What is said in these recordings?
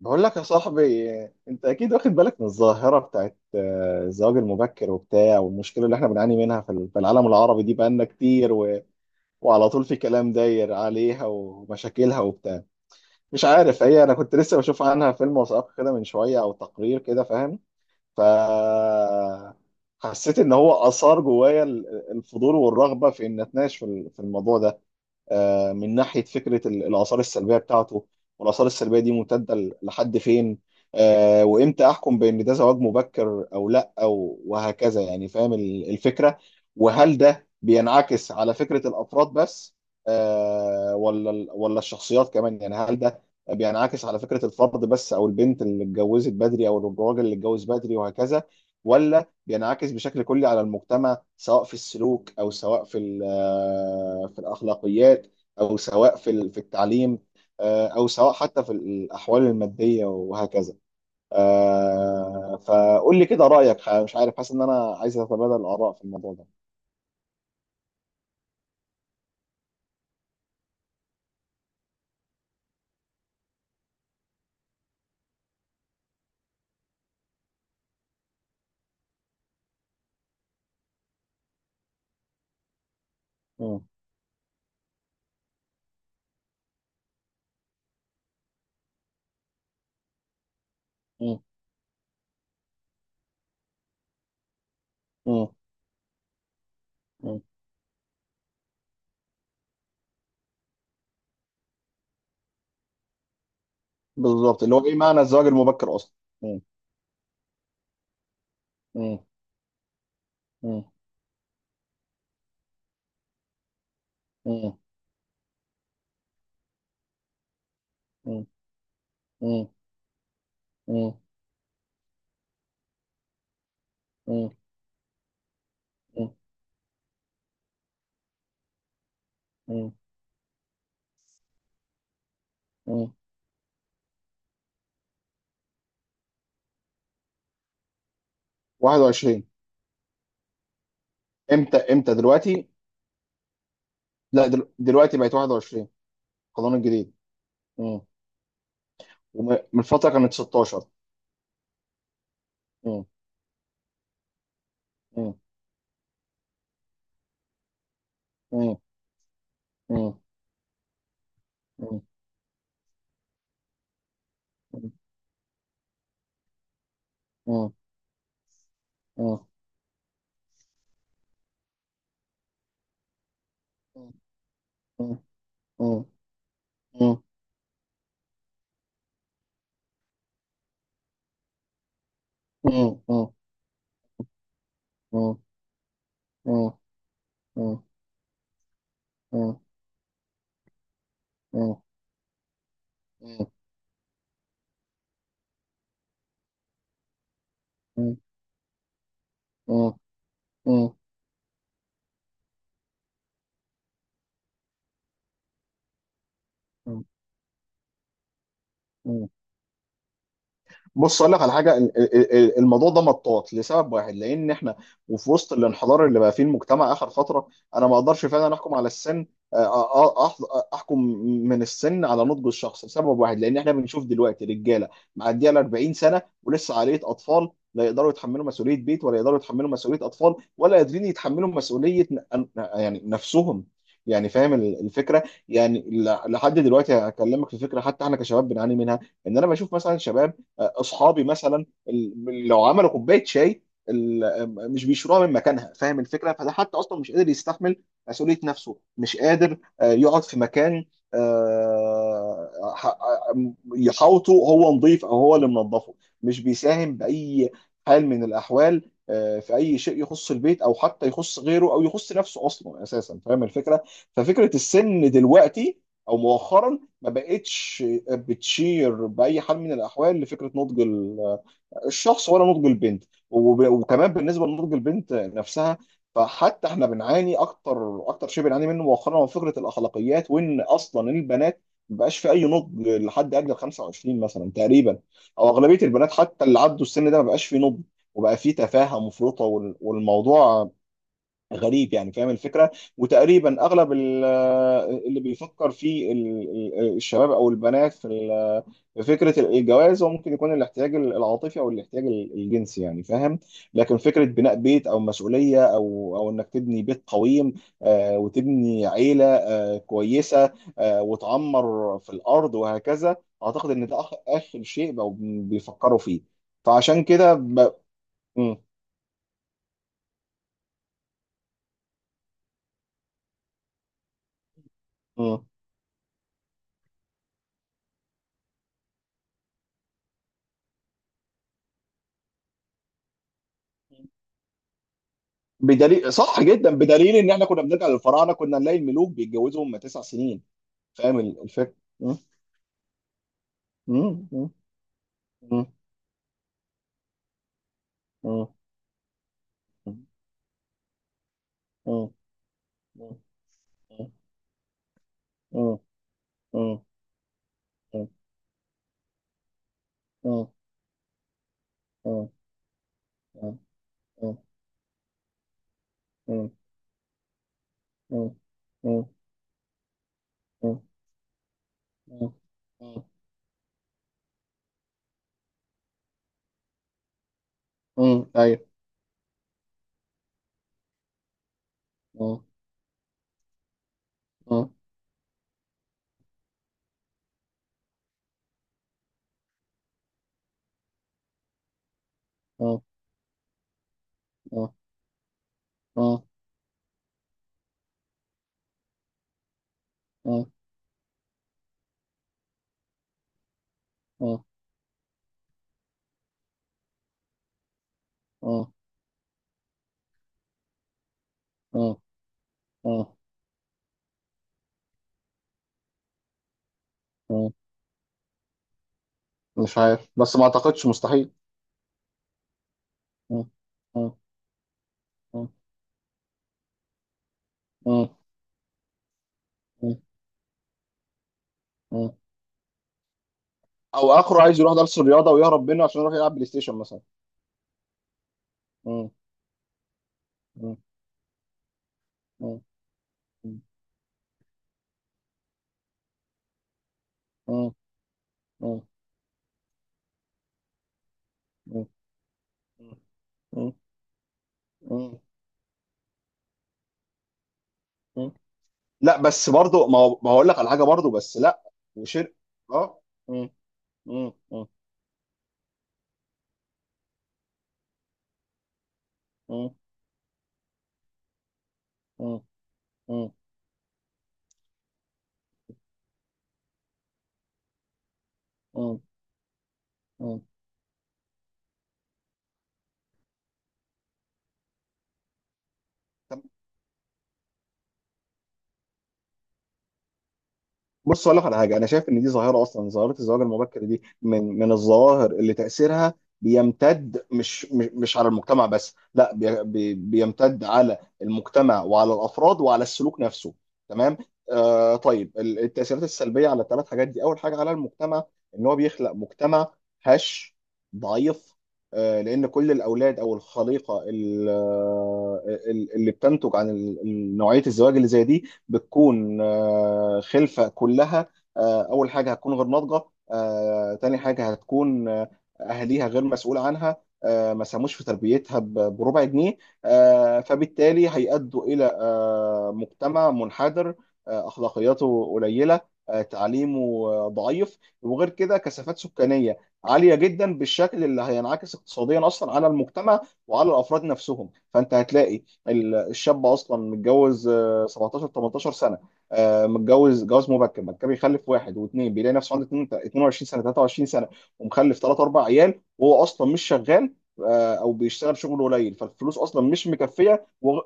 بقول لك يا صاحبي. انت اكيد واخد بالك من الظاهره بتاعت الزواج المبكر وبتاع، والمشكله اللي احنا بنعاني منها في العالم العربي دي بقالنا كتير وعلى طول في كلام داير عليها ومشاكلها وبتاع. مش عارف هي، انا كنت لسه بشوف عنها فيلم وثائقي كده من شويه او تقرير كده، فاهم؟ ف حسيت ان هو اثار جوايا الفضول والرغبه في ان اتناقش في الموضوع ده، من ناحية فكرة الآثار السلبية بتاعته، والآثار السلبية دي ممتدة لحد فين. وإمتى أحكم بأن ده زواج مبكر أو لأ أو وهكذا، يعني فاهم الفكرة؟ وهل ده بينعكس على فكرة الأفراد بس، ولا الشخصيات كمان؟ يعني هل ده بينعكس على فكرة الفرد بس، أو البنت اللي اتجوزت بدري أو الراجل اللي اتجوز بدري وهكذا، ولا بينعكس بشكل كلي على المجتمع سواء في السلوك، او سواء في الاخلاقيات، او سواء في التعليم، او سواء حتى في الاحوال الماديه وهكذا. فقول لي كده رايك. مش عارف، حاسس ان انا عايز اتبادل الاراء في الموضوع ده. م- م- م- م. بالظبط، اللي هو ايه معنى الزواج المبكر اصلا؟ م- م- م- م- م- م- م- م- م- م- 21. امتى؟ دلوقتي؟ لا، دلوقتي بقت 21، القانون الجديد. مم. من فترة كانت 16. مم. مم. مم. مم. مم. مم. مم. مم. مم. مم. مم. مم. مم. مم. مم. مم. مم. مم. مم. مم. مم. بص اقول لك على حاجه، الموضوع ده مطاط لسبب واحد، لان احنا وفي وسط الانحدار اللي بقى فيه المجتمع اخر فتره، انا ما اقدرش فعلا احكم على السن. آه، احكم من السن على نضج الشخص لسبب واحد، لان احنا بنشوف دلوقتي رجاله معديه ال 40 سنه ولسه عاليه اطفال، لا يقدروا يتحملوا مسؤوليه بيت، ولا يقدروا يتحملوا مسؤوليه اطفال، ولا قادرين يتحملوا مسؤوليه يعني نفسهم. يعني فاهم الفكره؟ يعني لحد دلوقتي هكلمك في فكره حتى احنا كشباب بنعاني منها. ان انا بشوف مثلا شباب اصحابي مثلا، لو عملوا كوبايه شاي، مش بيشروها من مكانها، فاهم الفكره؟ فده حتى اصلا مش قادر يستحمل مسؤوليه نفسه، مش قادر يقعد في مكان يحاوطه هو نظيف او هو اللي منظفه. مش بيساهم باي حال من الاحوال في اي شيء يخص البيت، او حتى يخص غيره، او يخص نفسه اصلا اساسا، فاهم الفكره؟ ففكره السن دلوقتي او مؤخرا ما بقتش بتشير باي حال من الاحوال لفكره نضج الشخص ولا نضج البنت. وكمان بالنسبه لنضج البنت نفسها، فحتى احنا بنعاني. اكتر شيء بنعاني منه مؤخرا هو فكره الاخلاقيات، وان اصلا البنات ما بقاش في اي نضج لحد اجل 25 مثلا تقريبا، او اغلبيه البنات حتى اللي عدوا السن ده ما بقاش في نضج، وبقى في تفاهه مفرطه. والموضوع غريب، يعني فاهم الفكره؟ وتقريبا اغلب اللي بيفكر الشباب او البنات في فكره الجواز، هو ممكن يكون الاحتياج العاطفي او الاحتياج الجنسي يعني، فاهم؟ لكن فكره بناء بيت او مسؤوليه او انك تبني بيت قويم، وتبني عيله كويسه، وتعمر في الارض وهكذا، اعتقد ان ده اخر شيء بقوا بيفكروا فيه. فعشان كده م- م. بدليل، صح جدا، بدليل ان احنا كنا بنرجع للفراعنه كنا نلاقي الملوك بيتجوزوا هم 9 سنين. فاهم الفكره؟ م؟ م- م- م- م- م- م- م- م- م- م- م- م- م- م- م- م- م- ايوه. م- م- م- م- م- م- م- م- م- م- م- مش عارف، بس ما اعتقدش، مستحيل. م- م- م- م- م- او اخره عايز يروح درس الرياضه ويهرب منه عشان يروح يلعب بلاي ستيشن مثلا. مم. مم. مم. مم. مم. مم. مم. مم. مم. لا، بس برضه، ما هو، ما هقول لك على حاجه برضه، بس لا. وشر. اه. مم. مم. مم. مم. مم. مم. مم. بص اقول لك على حاجه، انا شايف ان دي ظاهره. اصلا ظاهره الزواج المبكر دي من الظواهر اللي تاثيرها بيمتد مش على المجتمع بس، لا، بي بي بيمتد على المجتمع وعلى الافراد وعلى السلوك نفسه، تمام. آه، طيب التاثيرات السلبيه على الثلاث حاجات دي، اول حاجه على المجتمع، ان هو بيخلق مجتمع هش، ضعيف. آه، لان كل الاولاد او الخليقه اللي بتنتج عن نوعيه الزواج اللي زي دي بتكون خلفة كلها. أول حاجة هتكون غير ناضجة. تاني حاجة هتكون، أهليها غير مسؤول عنها، ما ساهموش في تربيتها بربع جنيه. فبالتالي هيأدوا إلى مجتمع منحدر، أخلاقياته قليلة، تعليمه ضعيف، وغير كده كثافات سكانية عالية جدا بالشكل اللي هينعكس اقتصاديا أصلا على المجتمع وعلى الأفراد نفسهم. فأنت هتلاقي الشاب اصلا متجوز 17 18 سنه، متجوز جواز مبكر، بعد كده بيخلف واحد واثنين، بيلاقي نفسه عنده 22 سنه 23 سنه ومخلف ثلاث اربع عيال وهو اصلا مش شغال، او بيشتغل شغل قليل، فالفلوس اصلا مش مكفيه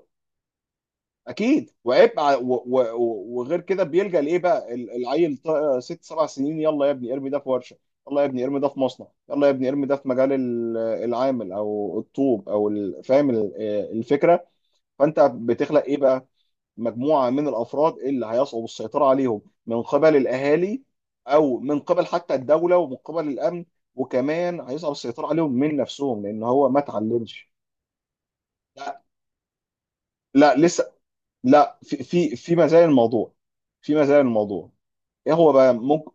اكيد، وعيب. وغير كده بيلجأ لايه بقى، العيل ست سبع سنين يلا يا ابني ارمي ده في ورشه، يلا يا ابني ارمي ده في مصنع، يلا يا ابني ارمي ده في مجال العامل او الطوب فاهم الفكره؟ فانت بتخلق ايه بقى؟ مجموعة من الأفراد اللي هيصعب السيطرة عليهم من قبل الأهالي أو من قبل حتى الدولة ومن قبل الأمن، وكمان هيصعب السيطرة عليهم من نفسهم لأن هو ما اتعلمش. لا. لا لسه، لا، في مزايا الموضوع. في مزايا الموضوع. إيه هو بقى؟ ممكن.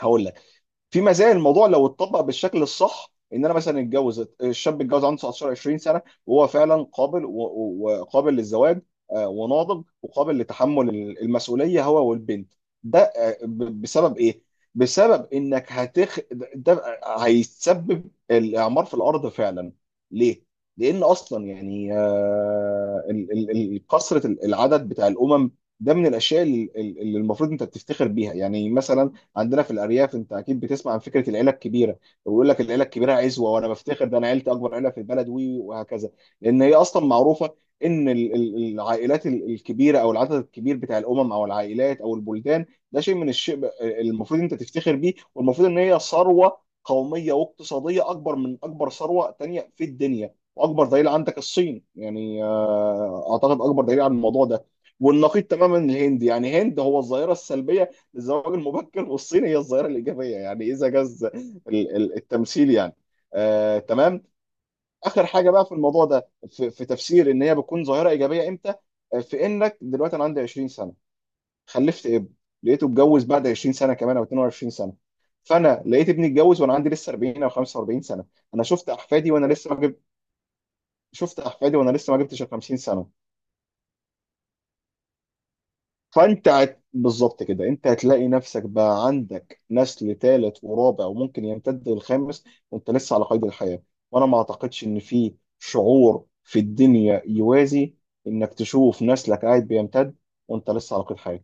هقول لك، في مزايا الموضوع لو اتطبق بالشكل الصح، ان انا مثلا اتجوز، الشاب اتجوز عنده 19 20 سنه وهو فعلا قابل وقابل للزواج، وناضج وقابل لتحمل المسؤوليه هو والبنت. ده بسبب ايه؟ بسبب انك هتخ، ده هيسبب الاعمار في الارض فعلا. ليه؟ لان اصلا يعني كثره العدد بتاع الامم، ده من الاشياء اللي المفروض انت بتفتخر بيها. يعني مثلا عندنا في الارياف انت اكيد بتسمع عن فكره العيله الكبيره، ويقول لك العيله الكبيره عزوه، وانا بفتخر، ده انا عيلتي اكبر عيله في البلد، وهكذا. لان هي اصلا معروفه ان العائلات الكبيره او العدد الكبير بتاع الامم او العائلات او البلدان، ده شيء من الشيء المفروض انت تفتخر بيه، والمفروض ان هي ثروه قوميه واقتصاديه اكبر من اكبر ثروه تانيه في الدنيا. واكبر دليل عندك الصين، يعني اعتقد اكبر دليل على الموضوع ده، والنقيض تماما الهند. يعني هند هو الظاهره السلبيه الزواج المبكر، والصين هي الظاهرة الإيجابية، يعني إذا جاز ال- التمثيل يعني، تمام. آخر حاجة بقى في الموضوع ده، في تفسير إن هي بتكون ظاهرة إيجابية إمتى، في إنك دلوقتي أنا عندي 20 سنة، خلفت ابن، لقيته اتجوز بعد 20 سنة كمان أو 22 سنة، فأنا لقيت ابني اتجوز وأنا عندي لسه 40 أو 45 سنة، أنا شفت أحفادي وأنا لسه ما جبت، شفت أحفادي وأنا لسه ما جبتش ال 50 سنة. فانت بالظبط كده، انت هتلاقي نفسك بقى عندك نسل ثالث ورابع وممكن يمتد للخامس وانت لسه على قيد الحياة. وانا ما اعتقدش ان في شعور في الدنيا يوازي انك تشوف نسلك قاعد بيمتد وانت لسه على قيد حياة.